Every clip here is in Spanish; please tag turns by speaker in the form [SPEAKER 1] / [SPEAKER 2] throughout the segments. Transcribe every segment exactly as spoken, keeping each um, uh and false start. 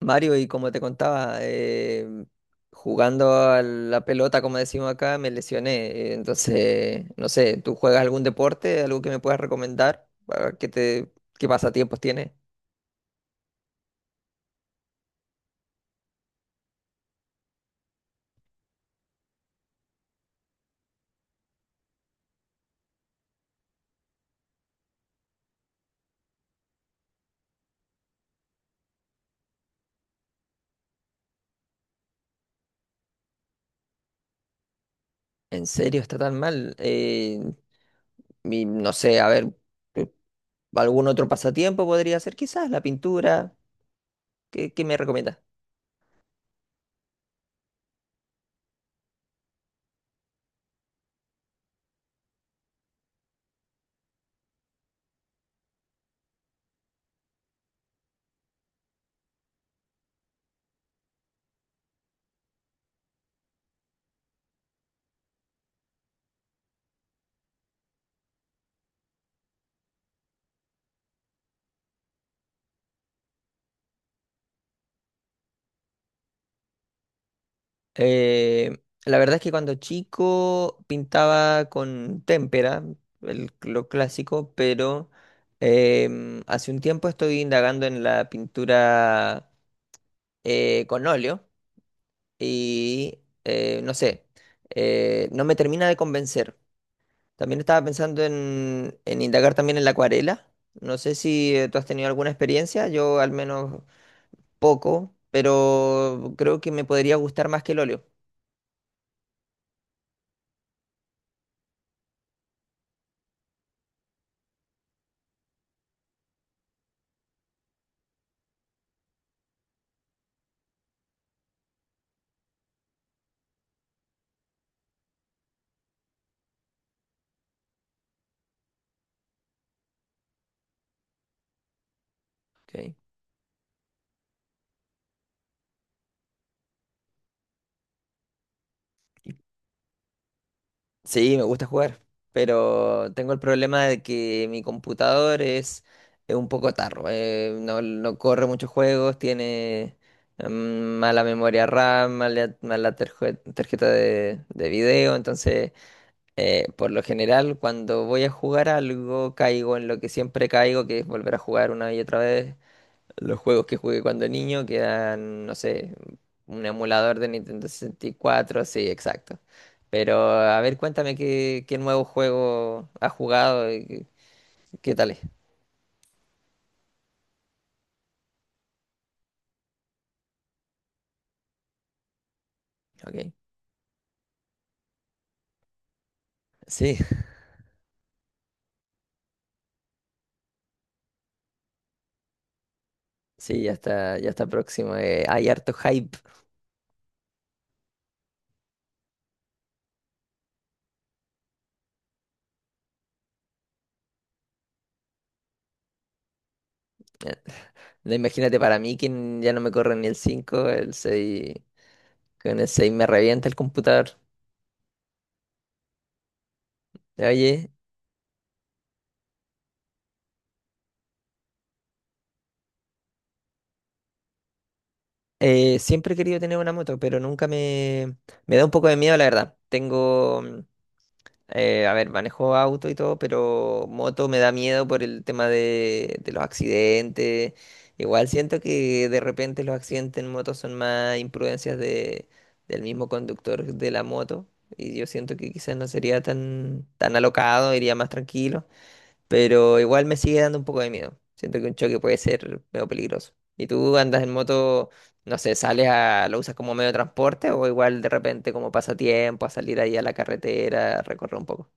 [SPEAKER 1] Mario, y como te contaba, eh, jugando a la pelota, como decimos acá, me lesioné. eh, Entonces, no sé, ¿tú juegas algún deporte? ¿Algo que me puedas recomendar? Para ¿Qué te, qué pasatiempos tienes? ¿En serio está tan mal? Eh, y no sé, a ver, eh, ¿algún otro pasatiempo podría ser? Quizás la pintura. ¿Qué, qué me recomiendas? Eh, la verdad es que cuando chico pintaba con témpera, el- lo clásico, pero em, hace un tiempo estoy indagando en la pintura eh, con óleo y eh, no sé, eh, no me termina de convencer. También estaba pensando en, en indagar también en la acuarela. No sé si eh, tú has tenido alguna experiencia, yo al menos poco, pero creo que me podría gustar más que el óleo. Ok. Sí, me gusta jugar, pero tengo el problema de que mi computador es, es un poco tarro, eh, no, no corre muchos juegos, tiene mm, mala memoria RAM, mala, mala terje- tarjeta de, de video, entonces eh, por lo general cuando voy a jugar algo caigo en lo que siempre caigo, que es volver a jugar una y otra vez. Los juegos que jugué cuando niño quedan, no sé, un emulador de Nintendo sesenta y cuatro, sí, exacto. Pero a ver, cuéntame qué, qué nuevo juego has jugado y qué, qué tal es. Ok. Sí, sí, ya está, ya está próximo. Eh, hay harto hype. Eh, no, Imagínate para mí que n- ya no me corre ni el cinco, el seis. Con el seis me revienta el computador. Oye, eh, siempre he querido tener una moto, pero nunca me, me da un poco de miedo, la verdad. Tengo, Eh, a ver, manejo auto y todo, pero moto me da miedo por el tema de, de los accidentes. Igual siento que de repente los accidentes en moto son más imprudencias de, del mismo conductor de la moto. Y yo siento que quizás no sería tan, tan alocado, iría más tranquilo. Pero igual me sigue dando un poco de miedo. Siento que un choque puede ser medio peligroso. ¿Y tú andas en moto, no sé, sales a, lo usas como medio de transporte o igual de repente como pasatiempo, a salir ahí a la carretera, a recorrer un poco?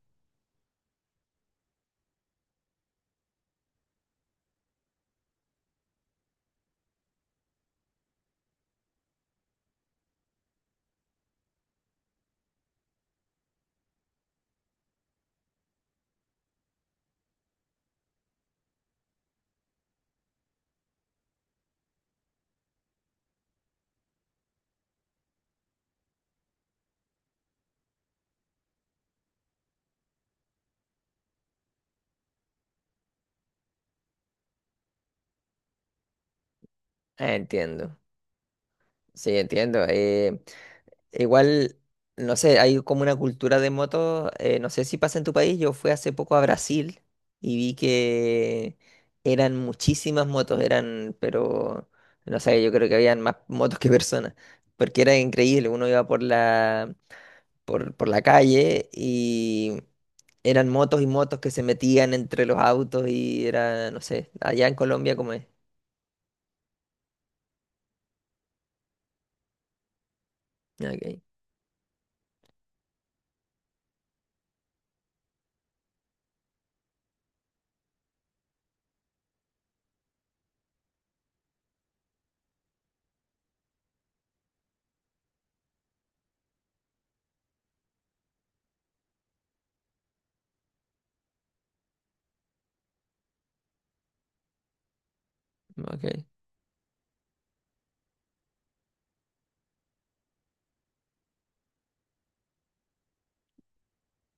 [SPEAKER 1] Entiendo, sí, entiendo. Eh, igual, no sé, hay como una cultura de motos, eh, no sé si pasa en tu país. Yo fui hace poco a Brasil y vi que eran muchísimas motos, eran, pero, no sé, yo creo que habían más motos que personas, porque era increíble, uno iba por la, por, por la calle y eran motos y motos que se metían entre los autos y era, no sé, allá en Colombia como es. Ok, ok.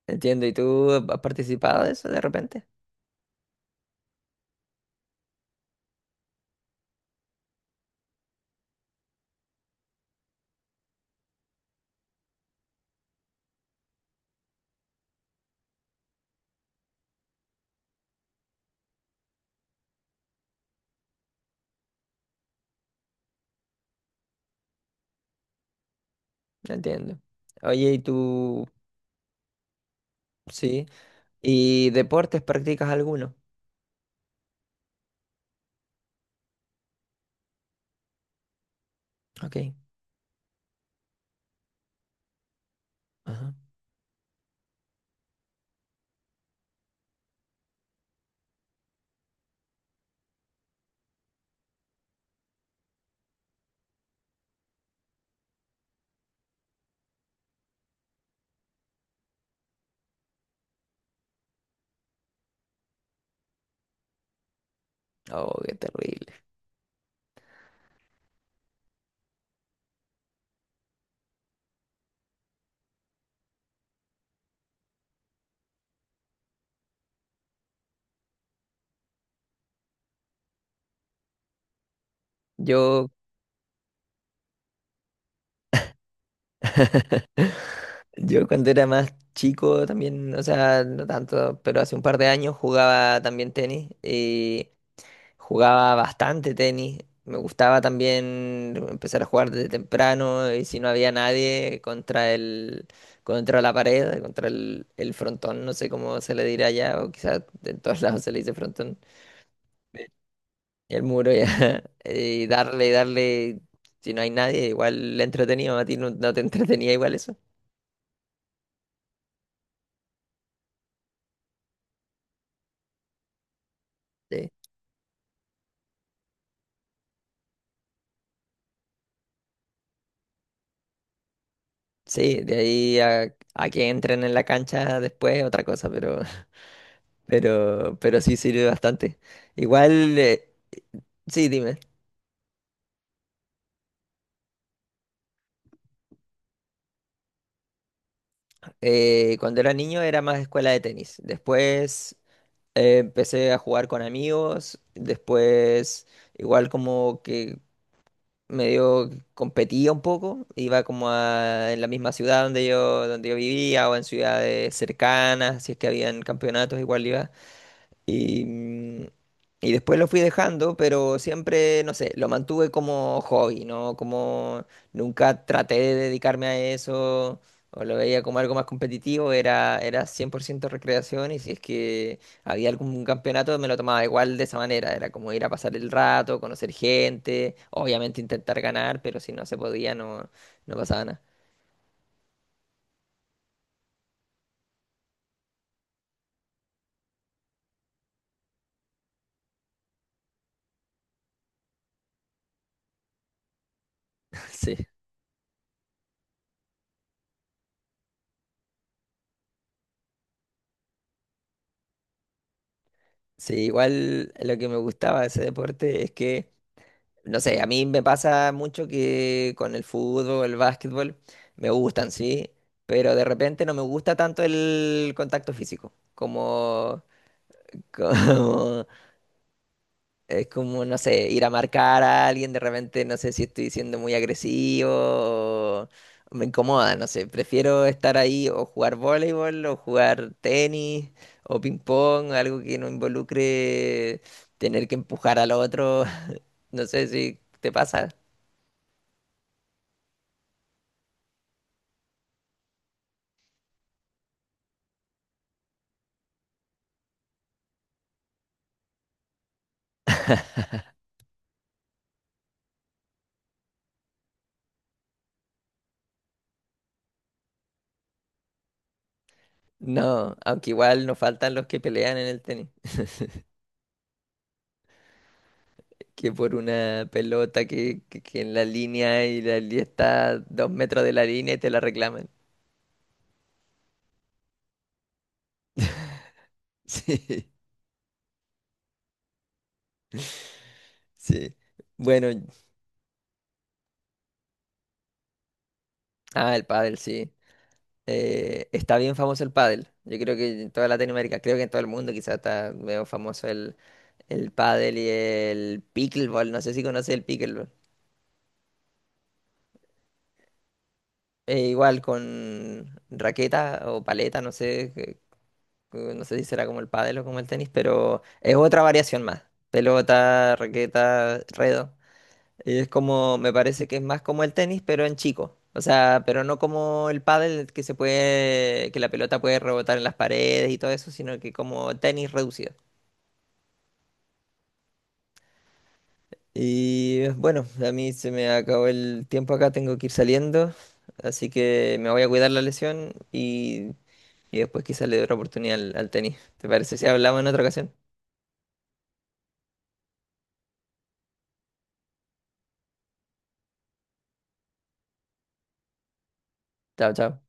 [SPEAKER 1] Entiendo, ¿y tú has participado de eso de repente? Entiendo. Oye, ¿y tú? Sí. ¿Y deportes practicas alguno? Ok. Ajá. Oh, qué terrible. Yo, yo cuando era más chico también, o sea, no tanto, pero hace un par de años jugaba también tenis. Y jugaba bastante tenis. Me gustaba también empezar a jugar desde temprano y si no había nadie contra el, contra la pared, contra el, el frontón, no sé cómo se le dirá allá, o quizás en todos lados se le dice frontón, el muro ya, y darle, y darle, si no hay nadie, igual le entretenido, a ti no, no te entretenía igual eso. Sí, sí, de ahí a, a que entren en la cancha después, otra cosa, pero, pero, pero sí sirve bastante. Igual, eh, sí, dime. Eh, cuando era niño era más escuela de tenis. Después eh, empecé a jugar con amigos. Después igual como que medio competía un poco. Iba como a, en la misma ciudad donde yo, donde yo vivía o en ciudades cercanas. Si es que habían campeonatos, igual iba. Y, mm, y después lo fui dejando, pero siempre, no sé, lo mantuve como hobby, ¿no? Como nunca traté de dedicarme a eso o lo veía como algo más competitivo, era, era cien por ciento recreación y si es que había algún campeonato me lo tomaba igual de esa manera, era como ir a pasar el rato, conocer gente, obviamente intentar ganar, pero si no se podía no, no pasaba nada. Sí. Sí, igual lo que me gustaba de ese deporte es que no sé, a mí me pasa mucho que con el fútbol, el básquetbol, me gustan, sí, pero de repente no me gusta tanto el contacto físico, como, como es como, no sé, ir a marcar a alguien, de repente no sé si estoy siendo muy agresivo, o me incomoda, no sé, prefiero estar ahí o jugar voleibol o jugar tenis o ping pong, algo que no involucre tener que empujar al otro, no sé si te pasa. No, aunque igual nos faltan los que pelean en el tenis, que por una pelota que, que, que en la línea y la línea está a dos metros de la línea y te la reclaman. Sí, sí. Bueno, ah, el pádel, sí. Eh, está bien famoso el pádel. Yo creo que en toda Latinoamérica, creo que en todo el mundo quizás está medio famoso el, el pádel y el pickleball. No sé si conoces el pickleball. Eh, igual con raqueta o paleta, no sé, eh, no sé si será como el pádel o como el tenis, pero es otra variación más. Pelota, raqueta, redo. Y es como, me parece que es más como el tenis, pero en chico. O sea, pero no como el pádel que se puede, que la pelota puede rebotar en las paredes y todo eso, sino que como tenis reducido. Y eh, bueno, a mí se me acabó el tiempo acá, tengo que ir saliendo, así que me voy a cuidar la lesión y, y después quizás le doy otra oportunidad al, al tenis. ¿Te parece si hablamos en otra ocasión? Chao, chao.